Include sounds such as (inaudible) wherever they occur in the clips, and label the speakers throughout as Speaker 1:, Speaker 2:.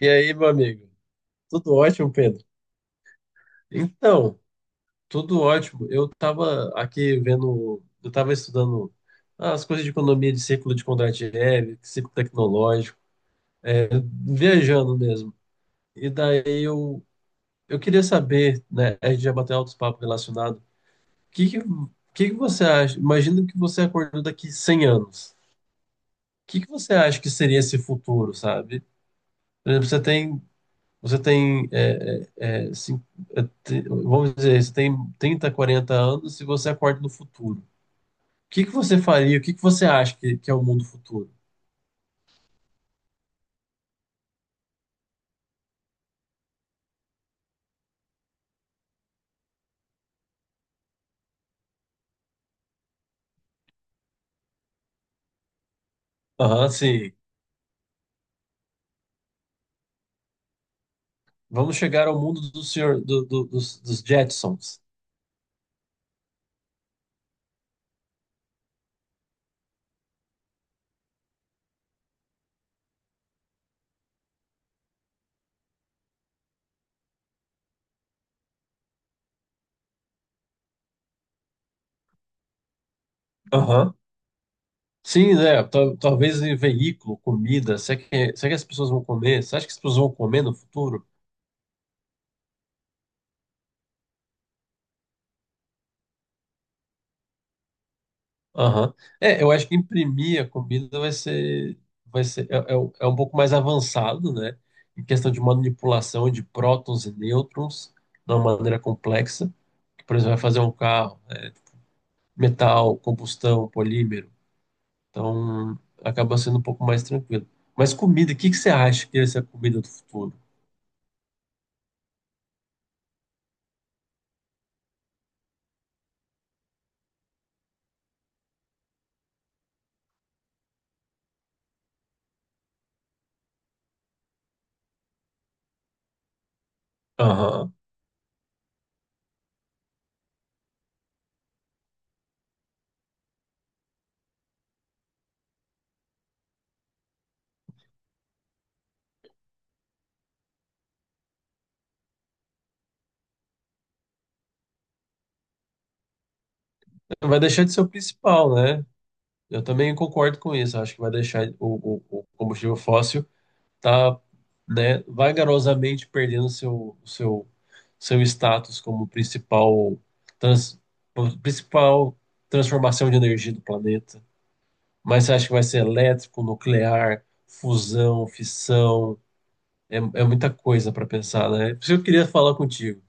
Speaker 1: E aí, meu amigo? Tudo ótimo, Pedro? Então, tudo ótimo. Eu estava aqui vendo, eu estava estudando as coisas de economia de ciclo de Kondratiev, ciclo tecnológico, é, viajando mesmo. E daí eu, eu queria saber, né, a gente já bateu altos papos relacionados. O que que você acha? Imagina que você acordou daqui 100 anos. O que que você acha que seria esse futuro, sabe? Por exemplo, Você tem, é, é, é, cin- vamos dizer, você tem 30, 40 anos e você acorda no futuro. O que que você faria? O que que você acha que é o mundo futuro? Aham, sim. Vamos chegar ao mundo do senhor, dos Jetsons. Aham. Sim, né? Talvez em veículo, comida. Será que as pessoas vão comer? Você acha que as pessoas vão comer no futuro? Aham. É, eu acho que imprimir a comida vai ser, vai ser um pouco mais avançado, né? Em questão de manipulação de prótons e nêutrons de uma maneira complexa. Por exemplo, vai fazer um carro, né? Metal, combustão, polímero. Então, acaba sendo um pouco mais tranquilo. Mas comida, o que que você acha que ia ser a comida do futuro? Aham. Vai deixar de ser o principal, né? Eu também concordo com isso. Acho que vai deixar o combustível fóssil, tá, né, vagarosamente perdendo seu status como principal, trans, principal transformação de energia do planeta. Mas você acha que vai ser elétrico, nuclear, fusão, fissão? É, é muita coisa para pensar, né? Por isso que eu queria falar contigo.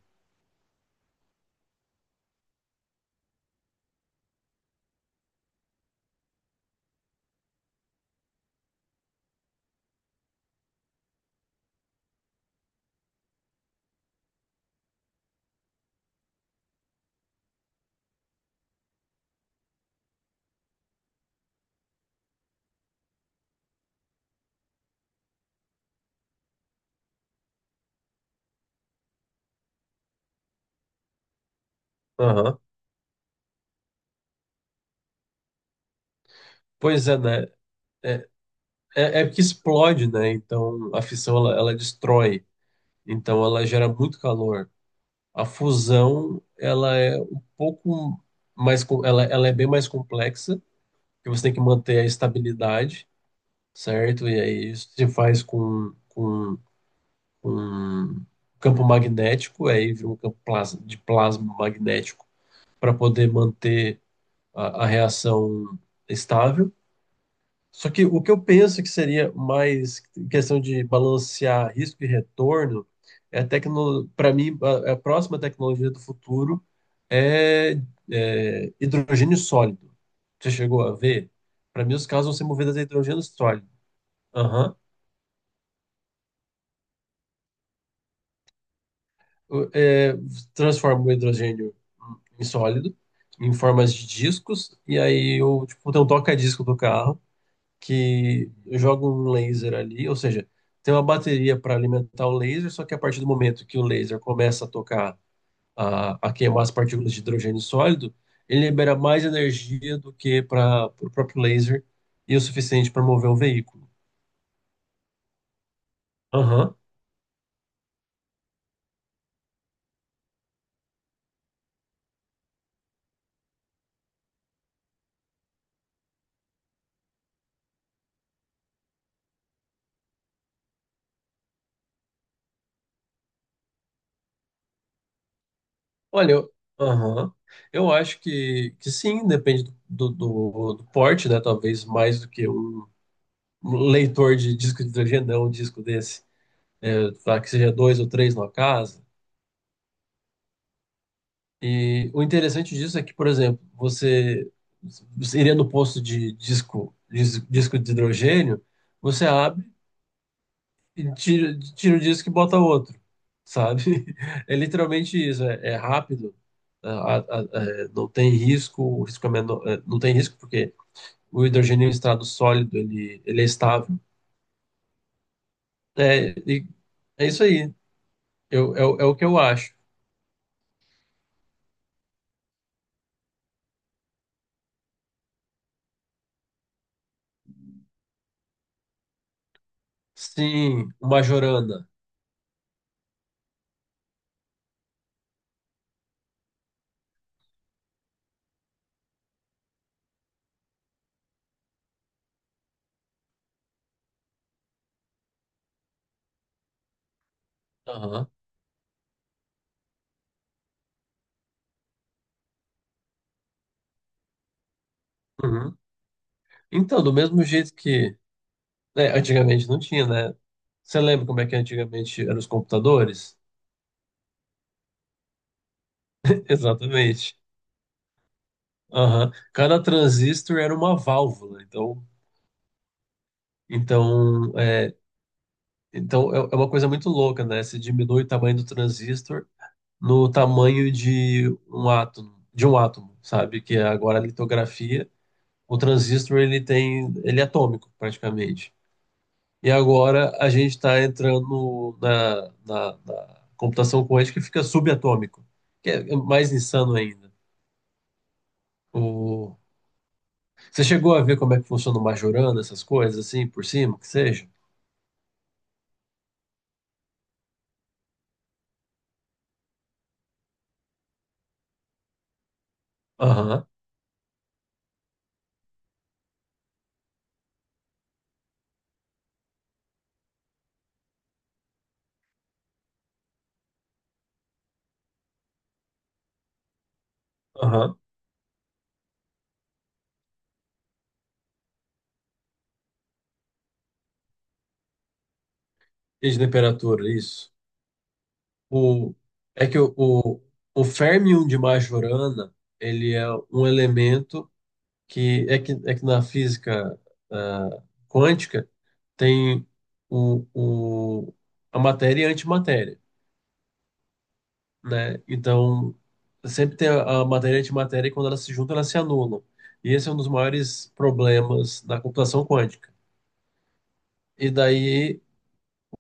Speaker 1: Aham. Pois é, né? É, é que explode, né? Então a fissão ela destrói, então ela gera muito calor. A fusão, ela é um pouco mais, ela é bem mais complexa, porque você tem que manter a estabilidade, certo? E aí isso se faz com campo magnético, aí vira um campo de plasma magnético para poder manter a reação estável. Só que o que eu penso que seria mais questão de balancear risco e retorno é para mim a próxima tecnologia do futuro é, é hidrogênio sólido. Você chegou a ver? Para mim os carros vão ser movidos a hidrogênio sólido. Aham. O- é, transforma o hidrogênio em sólido, em formas de discos, e aí eu, tipo, tem um toca-disco do carro, que joga um laser ali, ou seja, tem uma bateria para alimentar o laser, só que a partir do momento que o laser começa a tocar, a queimar as partículas de hidrogênio sólido, ele libera mais energia do que para o próprio laser e o suficiente para mover um veículo. Aham. Olha, aham. Eu acho que sim, depende do porte, né? Talvez mais do que um um leitor de disco de hidrogênio, não um disco desse. É, tá, que seja dois ou três no casa. E o interessante disso é que, por exemplo, você iria no posto de disco, disco de hidrogênio, você abre e tira, tira o disco e bota outro, sabe? (laughs) É literalmente isso, é rápido, é, a- a- não tem risco, o risco é menor, é, não tem risco porque o hidrogênio em estado sólido, ele é estável. É, e é isso aí. Eu, é, o É o que eu acho. Sim, uma jorana. Aham. Uhum. Então, do mesmo jeito que É, antigamente não tinha, né? Você lembra como é que antigamente eram os computadores? (laughs) Exatamente. Aham. Cada transistor era uma válvula. Então, é, então, é uma coisa muito louca, né? Você diminui o tamanho do transistor no tamanho de um átomo, sabe? Que é agora a litografia, o transistor ele tem, ele é atômico praticamente. E agora a gente está entrando na computação quântica que fica subatômico, que é mais insano ainda. O... Você chegou a ver como é que funciona o Majorana, essas coisas assim, por cima, que seja? Aham, aham. E de temperatura, isso. O... É que o férmion de Majorana, ele é um elemento que na física, ah, quântica tem o, o, a matéria e a antimatéria, né? Então, sempre tem a matéria e antimatéria e quando elas se juntam, elas se anulam. E esse é um dos maiores problemas da computação quântica. E daí,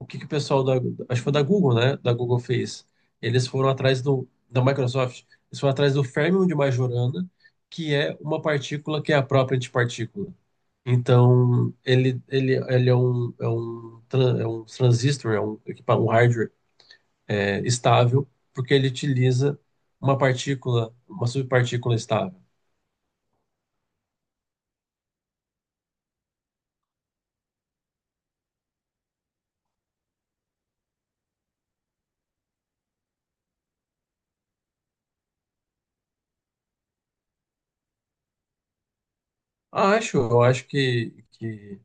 Speaker 1: o que que o pessoal da, acho que foi da Google, né? Da Google fez. Eles foram atrás da Microsoft, eles foram atrás do férmion de Majorana, que é uma partícula que é a própria antipartícula. Então, ele é um transistor, um hardware, é, estável, porque ele utiliza uma partícula, uma subpartícula estável. Ah, eu acho que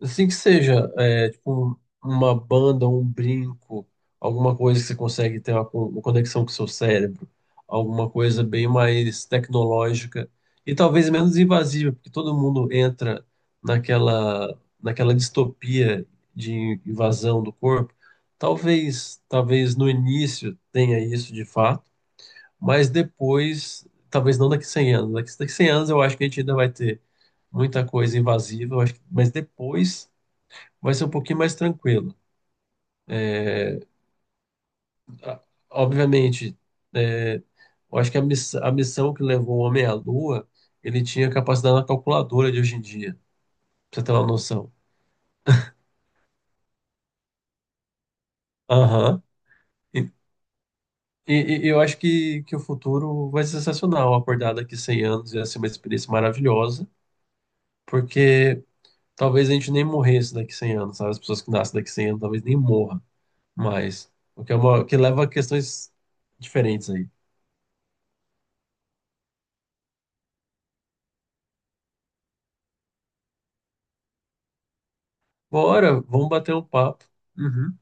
Speaker 1: assim que seja, é, tipo, uma banda, um brinco, alguma coisa que você consegue ter uma conexão com o seu cérebro, alguma coisa bem mais tecnológica e talvez menos invasiva, porque todo mundo entra naquela distopia de invasão do corpo. Talvez no início tenha isso de fato, mas depois, talvez não daqui a 100 anos. Daqui a 100 anos eu acho que a gente ainda vai ter muita coisa invasiva, eu acho que- mas depois vai ser um pouquinho mais tranquilo. Ah, obviamente, é, eu acho que a missão que levou o homem à Lua, ele tinha capacidade na calculadora de hoje em dia, pra você ter uma noção. Aham. E, e eu acho que o futuro vai ser sensacional. Acordar daqui 100 anos ia ser uma experiência maravilhosa, porque talvez a gente nem morresse daqui 100 anos, sabe? As pessoas que nascem daqui 100 anos talvez nem morram, mas o que, é uma, o que leva a questões diferentes aí. Bora, vamos bater um papo. Uhum.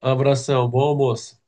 Speaker 1: Abração, bom almoço.